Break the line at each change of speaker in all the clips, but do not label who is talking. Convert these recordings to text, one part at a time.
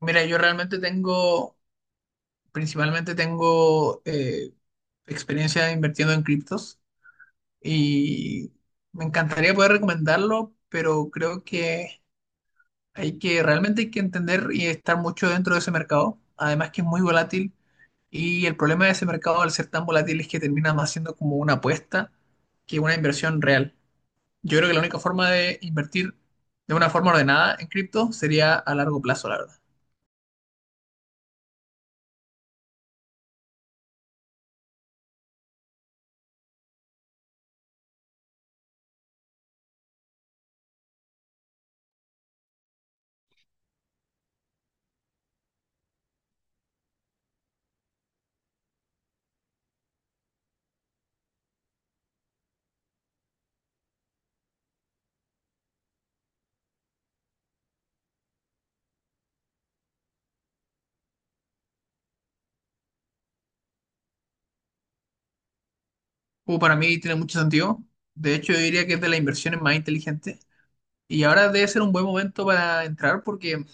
Mira, yo realmente tengo, principalmente tengo experiencia invirtiendo en criptos y me encantaría poder recomendarlo, pero creo que realmente hay que entender y estar mucho dentro de ese mercado. Además que es muy volátil y el problema de ese mercado al ser tan volátil es que termina más siendo como una apuesta que una inversión real. Yo creo que la única forma de invertir de una forma ordenada en cripto sería a largo plazo, la verdad. Para mí tiene mucho sentido. De hecho, yo diría que es de las inversiones más inteligentes. Y ahora debe ser un buen momento para entrar porque,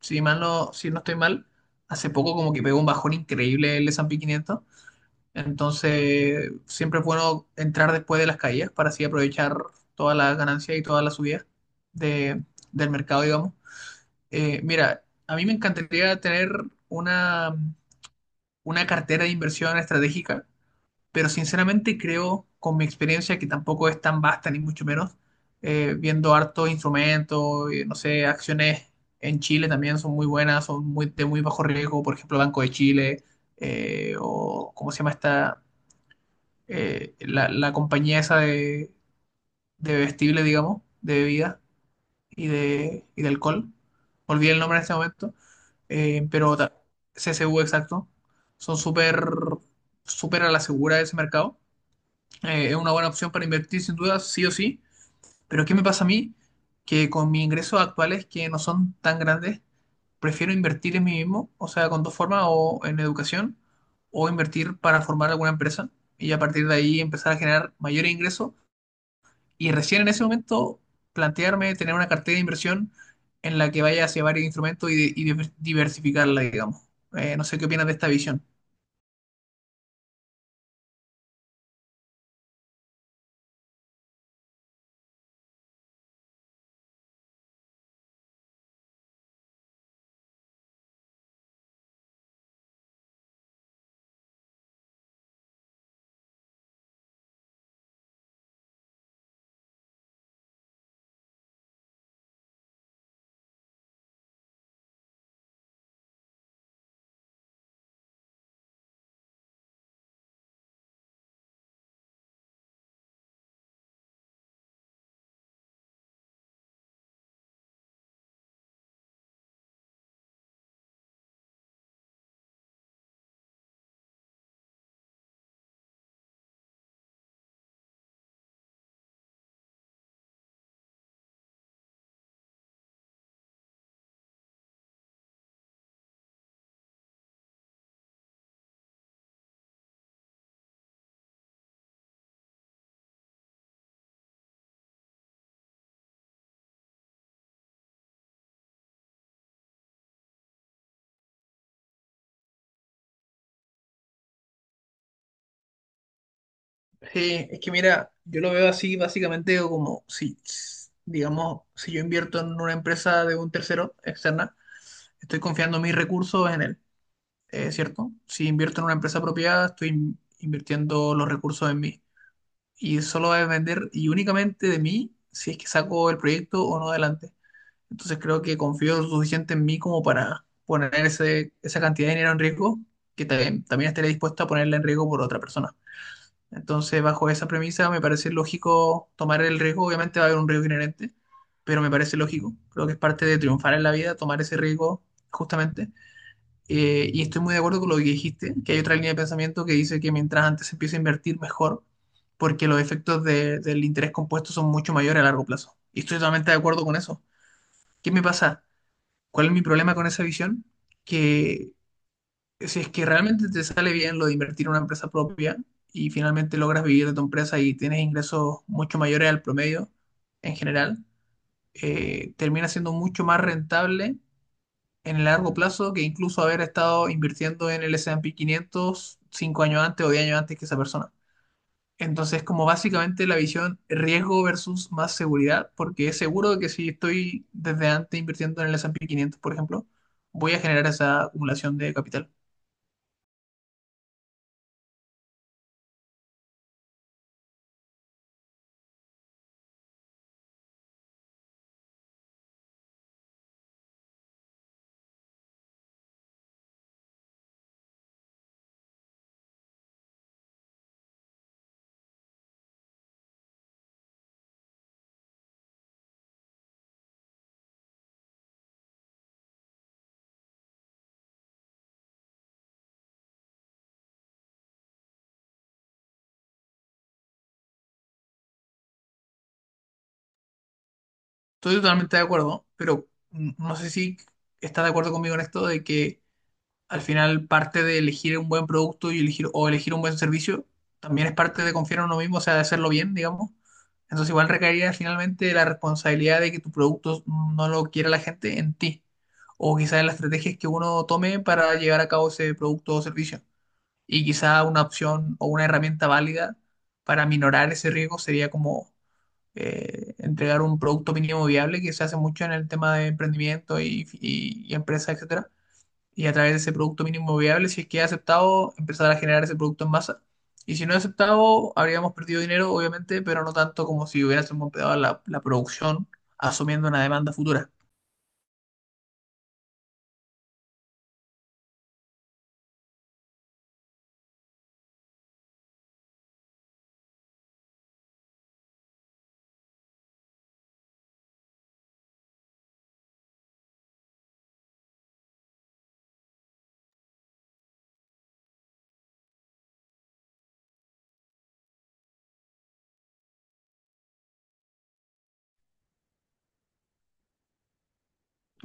si no estoy mal, hace poco como que pegó un bajón increíble el S&P 500. Entonces, siempre es bueno entrar después de las caídas para así aprovechar todas las ganancias y todas las subidas de- del mercado, digamos. Mira, a mí me encantaría tener una, una cartera de inversión estratégica, pero sinceramente creo, con mi experiencia, que tampoco es tan vasta, ni mucho menos, viendo hartos instrumentos, no sé, acciones en Chile también son muy buenas, son muy, de muy bajo riesgo, por ejemplo, Banco de Chile, o cómo se llama esta, la compañía esa de vestible, digamos, de bebida y de alcohol. Olvidé el nombre en este momento, eh, pero ta- CCU exacto. Son súper, súper a la segura de ese mercado. Es una buena opción para invertir sin duda, sí o sí. Pero ¿qué me pasa a mí? Que con mis ingresos actuales, que no son tan grandes, prefiero invertir en mí mismo, o sea, con dos formas, o en educación, o invertir para formar alguna empresa y a partir de ahí empezar a generar mayores ingresos y recién en ese momento plantearme tener una cartera de inversión en la que vaya hacia varios instrumentos y, y diversificarla, digamos. No sé qué opinas de esta visión. Sí, es que mira, yo lo veo así básicamente como si, digamos, si yo invierto en una empresa de un tercero externa, estoy confiando mis recursos en él, ¿cierto? Si invierto en una empresa propia, estoy invirtiendo los recursos en mí. Y solo va a depender y únicamente de mí si es que saco el proyecto o no adelante. Entonces creo que confío lo suficiente en mí como para poner esa cantidad de dinero en riesgo, que también estaré dispuesto a ponerla en riesgo por otra persona. Entonces, bajo esa premisa, me parece lógico tomar el riesgo. Obviamente va a haber un riesgo inherente, pero me parece lógico. Creo que es parte de triunfar en la vida, tomar ese riesgo justamente. Y estoy muy de acuerdo con lo que dijiste, que hay otra línea de pensamiento que dice que mientras antes se empiece a invertir, mejor, porque los efectos del interés compuesto son mucho mayores a largo plazo. Y estoy totalmente de acuerdo con eso. ¿Qué me pasa? ¿Cuál es mi problema con esa visión? Que si es que realmente te sale bien lo de invertir en una empresa propia y finalmente logras vivir de tu empresa y tienes ingresos mucho mayores al promedio en general, termina siendo mucho más rentable en el largo plazo que incluso haber estado invirtiendo en el S&P 500 5 años antes o 10 años antes que esa persona. Entonces, como básicamente la visión riesgo versus más seguridad, porque es seguro de que si estoy desde antes invirtiendo en el S&P 500, por ejemplo, voy a generar esa acumulación de capital. Estoy totalmente de acuerdo, pero no sé si estás de acuerdo conmigo en esto de que al final parte de elegir un buen producto y elegir un buen servicio también es parte de confiar en uno mismo, o sea, de hacerlo bien, digamos. Entonces igual recaería finalmente de la responsabilidad de que tu producto no lo quiera la gente en ti, o quizás en las estrategias que uno tome para llevar a cabo ese producto o servicio. Y quizá una opción o una herramienta válida para minorar ese riesgo sería como entregar un producto mínimo viable que se hace mucho en el tema de emprendimiento y empresas, etcétera. Y a través de ese producto mínimo viable, si es que es aceptado, empezar a generar ese producto en masa. Y si no es aceptado, habríamos perdido dinero, obviamente, pero no tanto como si hubiésemos empezado la producción asumiendo una demanda futura.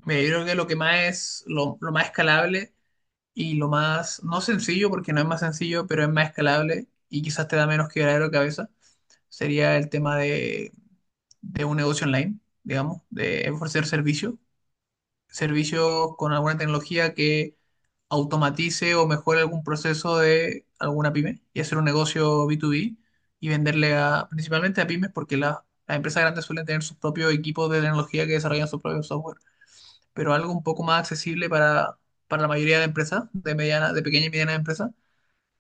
Mira, yo creo que lo más escalable y lo más, no sencillo, porque no es más sencillo, pero es más escalable y quizás te da menos quebradero de cabeza, sería el tema de un negocio online, digamos, de ofrecer servicios con alguna tecnología que automatice o mejore algún proceso de alguna pyme y hacer un negocio B2B y venderle a, principalmente a pymes porque las empresas grandes suelen tener sus propios equipos de tecnología que desarrollan su propio software, pero algo un poco más accesible para la mayoría de empresas, de mediana, de pequeña y mediana empresa,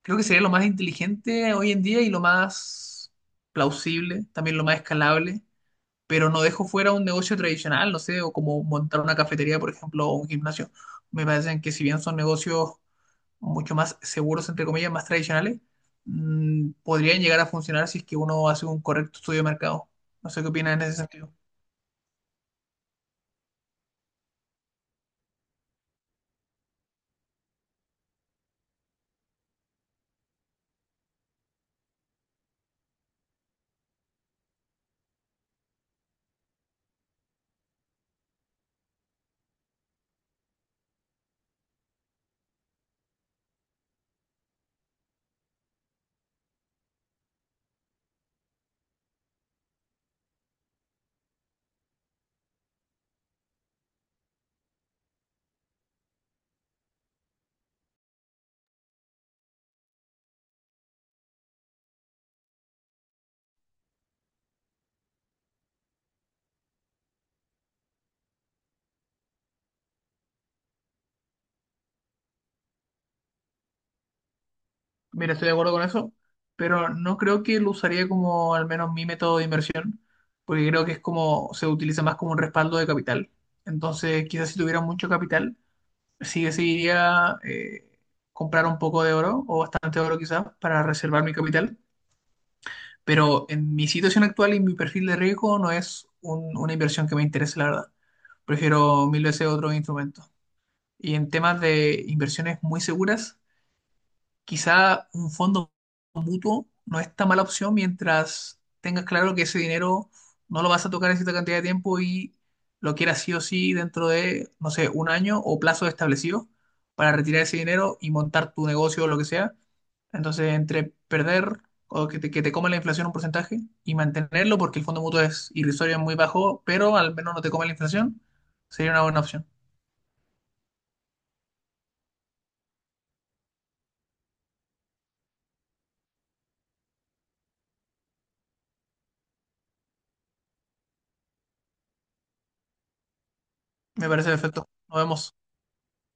creo que sería lo más inteligente hoy en día y lo más plausible, también lo más escalable, pero no dejo fuera un negocio tradicional, no sé, o como montar una cafetería, por ejemplo, o un gimnasio. Me parecen que si bien son negocios mucho más seguros, entre comillas, más tradicionales, podrían llegar a funcionar si es que uno hace un correcto estudio de mercado. No sé qué opinas en ese sentido. Mira, estoy de acuerdo con eso, pero no creo que lo usaría como al menos mi método de inversión, porque creo que es como se utiliza más como un respaldo de capital. Entonces, quizás si tuviera mucho capital, sí o sí iría comprar un poco de oro o bastante oro quizás para reservar mi capital, pero en mi situación actual y mi perfil de riesgo no es una inversión que me interese, la verdad. Prefiero mil veces otros instrumentos. Y en temas de inversiones muy seguras, quizá un fondo mutuo no es tan mala opción mientras tengas claro que ese dinero no lo vas a tocar en cierta cantidad de tiempo y lo quieras sí o sí dentro de, no sé, un año o plazo establecido para retirar ese dinero y montar tu negocio o lo que sea. Entonces, entre perder o que te coma la inflación un porcentaje y mantenerlo porque el fondo mutuo es irrisorio, es muy bajo, pero al menos no te come la inflación, sería una buena opción. Me parece perfecto. Nos vemos.